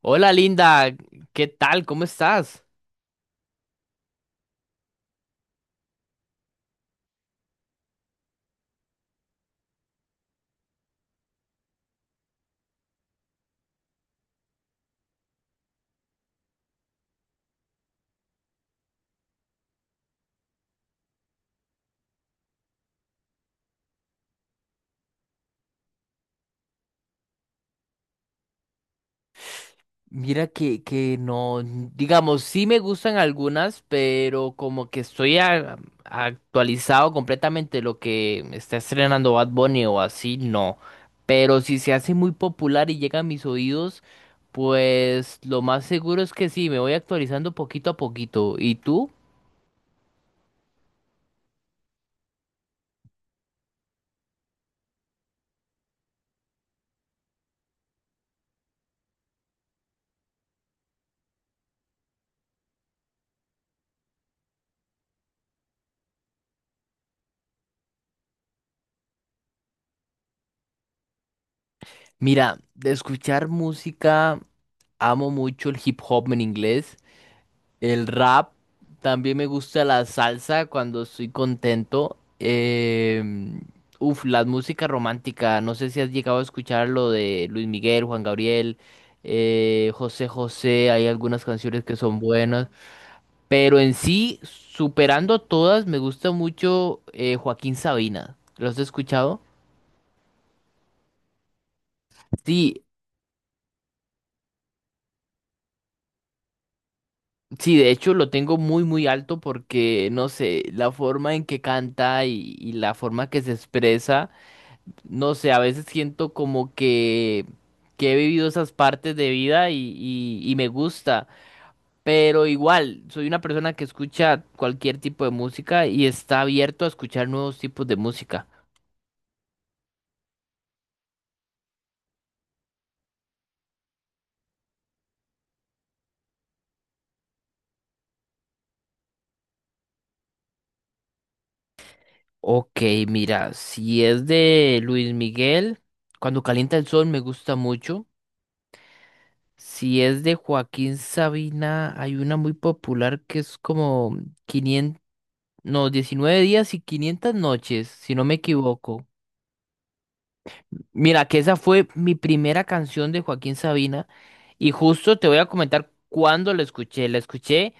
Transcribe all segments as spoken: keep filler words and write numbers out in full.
Hola Linda, ¿qué tal? ¿Cómo estás? Mira que, que no, n- digamos, sí me gustan algunas, pero como que estoy a- actualizado completamente lo que está estrenando Bad Bunny o así, no. Pero si se hace muy popular y llega a mis oídos, pues lo más seguro es que sí, me voy actualizando poquito a poquito. ¿Y tú? Mira, de escuchar música, amo mucho el hip hop en inglés. El rap, también me gusta la salsa cuando estoy contento. em, uf, la música romántica, no sé si has llegado a escuchar lo de Luis Miguel, Juan Gabriel, eh, José José, hay algunas canciones que son buenas, pero en sí, superando todas, me gusta mucho eh, Joaquín Sabina. ¿Lo has escuchado? Sí, sí, de hecho lo tengo muy, muy alto porque, no sé, la forma en que canta y, y la forma que se expresa. No sé, a veces siento como que, que he vivido esas partes de vida y, y- y me gusta, pero igual soy una persona que escucha cualquier tipo de música y está abierto a escuchar nuevos tipos de música. Ok, mira, si es de Luis Miguel, Cuando calienta el sol me gusta mucho. Si es de Joaquín Sabina, hay una muy popular que es como quinientos, no, diecinueve días y quinientas noches, si no me equivoco. Mira, que esa fue mi primera canción de Joaquín Sabina y justo te voy a comentar cuándo la escuché. La escuché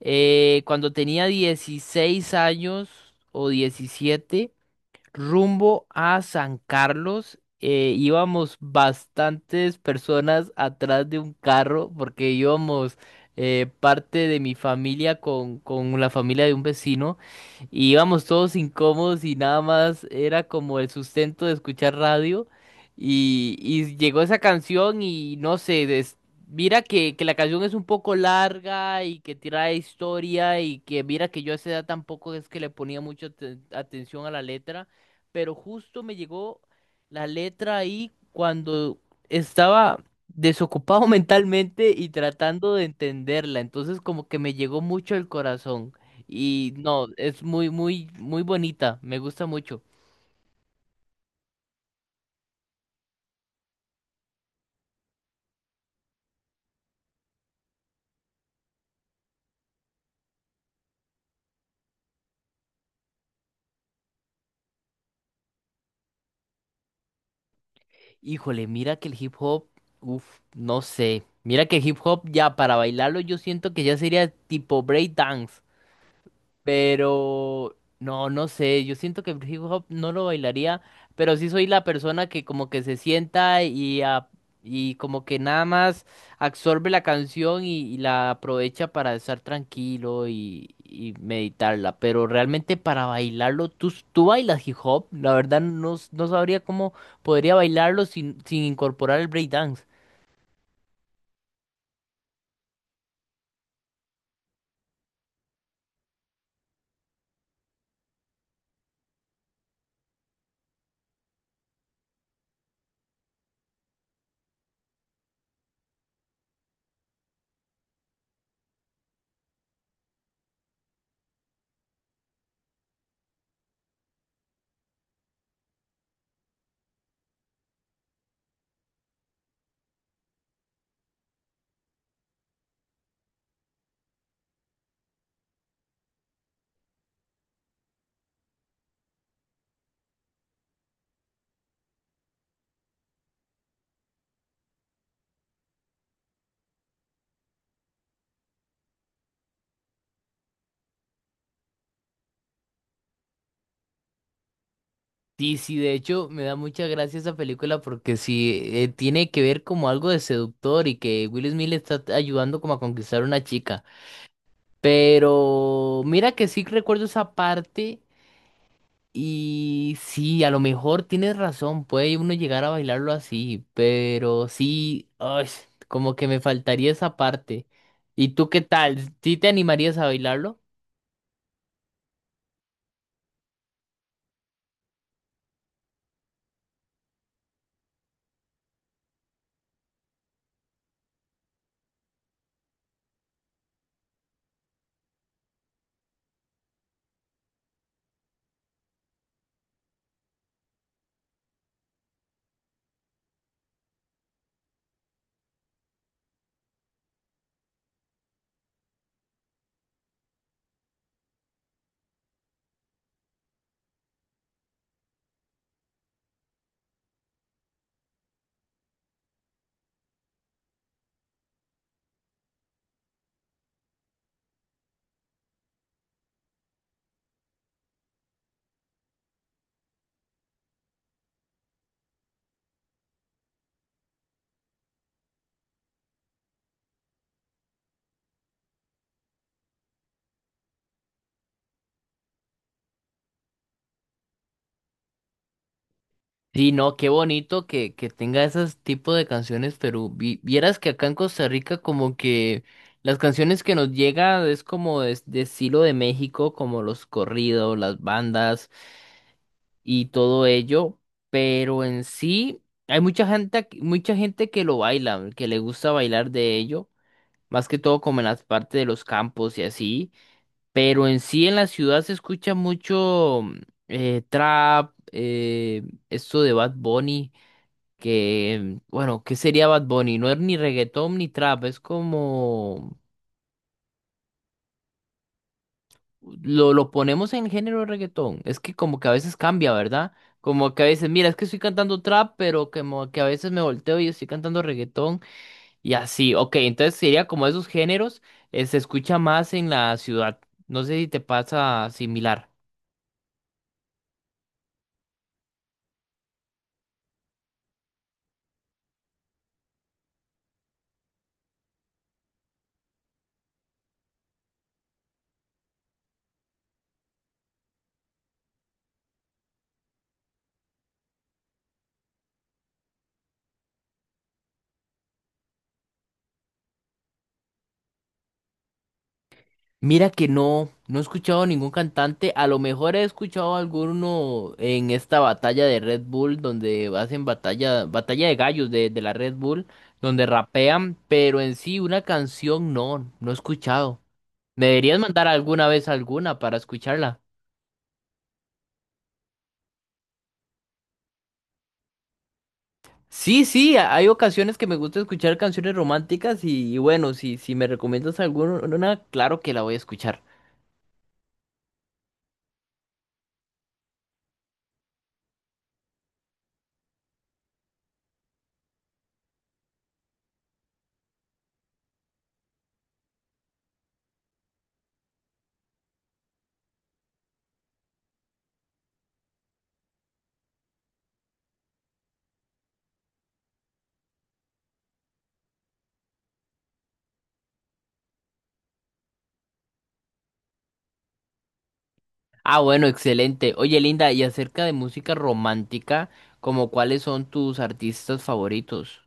eh, cuando tenía dieciséis años o diecisiete rumbo a San Carlos. Eh, íbamos bastantes personas atrás de un carro porque íbamos eh, parte de mi familia con, con la familia de un vecino y íbamos todos incómodos y nada más era como el sustento de escuchar radio y, y llegó esa canción y no sé, des- mira que, que la canción es un poco larga y que tira historia y que mira que yo a esa edad tampoco es que le ponía mucha atención a la letra pero justo me llegó la letra ahí cuando estaba desocupado mentalmente y tratando de entenderla. Entonces como que me llegó mucho el corazón. Y no, es muy, muy, muy bonita. Me gusta mucho. Híjole, mira que el hip hop, uff, no sé. Mira que el hip hop ya para bailarlo yo siento que ya sería tipo break dance. Pero no, no sé, yo siento que el hip hop no lo bailaría, pero sí soy la persona que como que se sienta y, a- y como que nada más absorbe la canción y, y la aprovecha para estar tranquilo y, y meditarla. Pero realmente para bailarlo, ¿tú, s- tú bailas hip hop? La verdad no, s- no sabría cómo podría bailarlo sin, sin incorporar el breakdance. Sí, sí, de hecho me da mucha gracia esa película porque sí eh, tiene que ver como algo de seductor y que Will Smith le está ayudando como a conquistar a una chica. Pero mira que sí recuerdo esa parte y sí, a lo mejor tienes razón, puede uno llegar a bailarlo así, pero sí, ay, como que me faltaría esa parte. ¿Y tú qué tal? ¿Sí te animarías a bailarlo? Sí, no, qué bonito que, que tenga esos tipos de canciones, pero vi- vieras que acá en Costa Rica como que las canciones que nos llega es como de, de estilo de México, como los corridos, las bandas y todo ello, pero en sí hay mucha gente, aquí- mucha gente que lo baila, que le gusta bailar de ello, más que todo como en las partes de los campos y así, pero en sí en la ciudad se escucha mucho mm, eh, trap, eh, esto de Bad Bunny que, bueno, ¿qué sería Bad Bunny? No es ni reggaetón ni trap, es como, lo, lo ponemos en el género de reggaetón, es que como que a veces cambia, ¿verdad? Como que a veces, mira, es que estoy cantando trap, pero como que a veces me volteo y estoy cantando reggaetón y así, ok, entonces sería como esos géneros, eh, se escucha más en la ciudad, no sé si te pasa similar. Mira que no, no he escuchado ningún cantante. A lo mejor he escuchado alguno en esta batalla de Red Bull, donde hacen batalla, batalla de gallos de, de la Red Bull, donde rapean, pero en sí una canción no, no he escuchado. ¿Me deberías mandar alguna vez alguna para escucharla? Sí, sí, a- hay ocasiones que me gusta escuchar canciones románticas y, y bueno, si, si me recomiendas alguna, claro que la voy a escuchar. Ah, bueno, excelente. Oye, Linda, y acerca de música romántica, ¿como cuáles son tus artistas favoritos?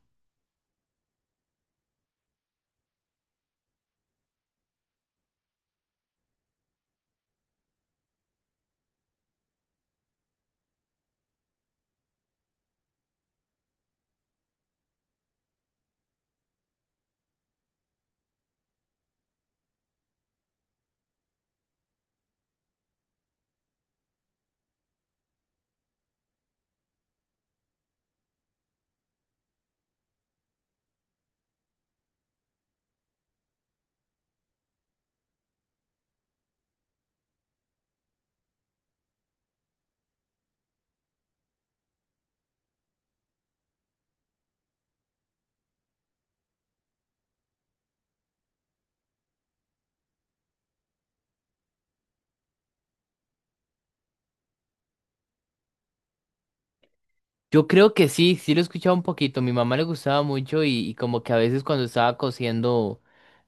Yo creo que sí, sí lo he escuchado un poquito. Mi mamá le gustaba mucho y, y como que a veces cuando estaba cosiendo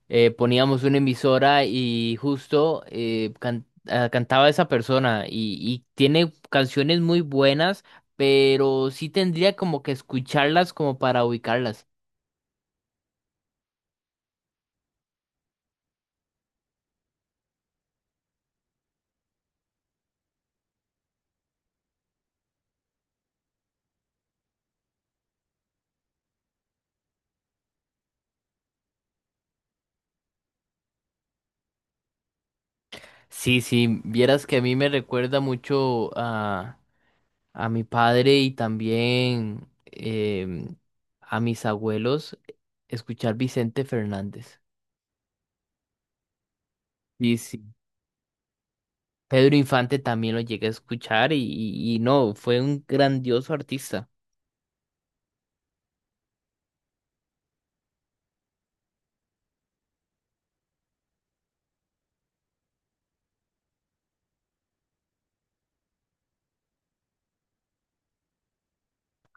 eh, poníamos una emisora y justo eh, can- ah, cantaba esa persona y, y tiene canciones muy buenas, pero sí tendría como que escucharlas como para ubicarlas. Sí, sí, vieras que a mí me recuerda mucho a... a mi padre y también em, a mis abuelos escuchar Vicente Fernández. Y sí, Pedro Infante también lo llegué a escuchar y, y- y no, fue un grandioso artista.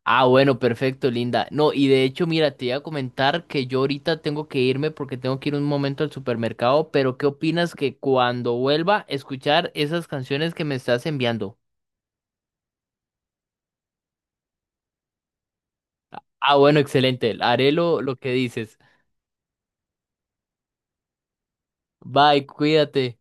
Ah, bueno, perfecto, Linda. No, y de hecho, mira, te iba a comentar que yo ahorita tengo que irme porque tengo que ir un momento al supermercado, pero ¿qué opinas que cuando vuelva a escuchar esas canciones que me estás enviando? Ah, bueno, excelente. Haré lo, lo que dices. Bye, cuídate.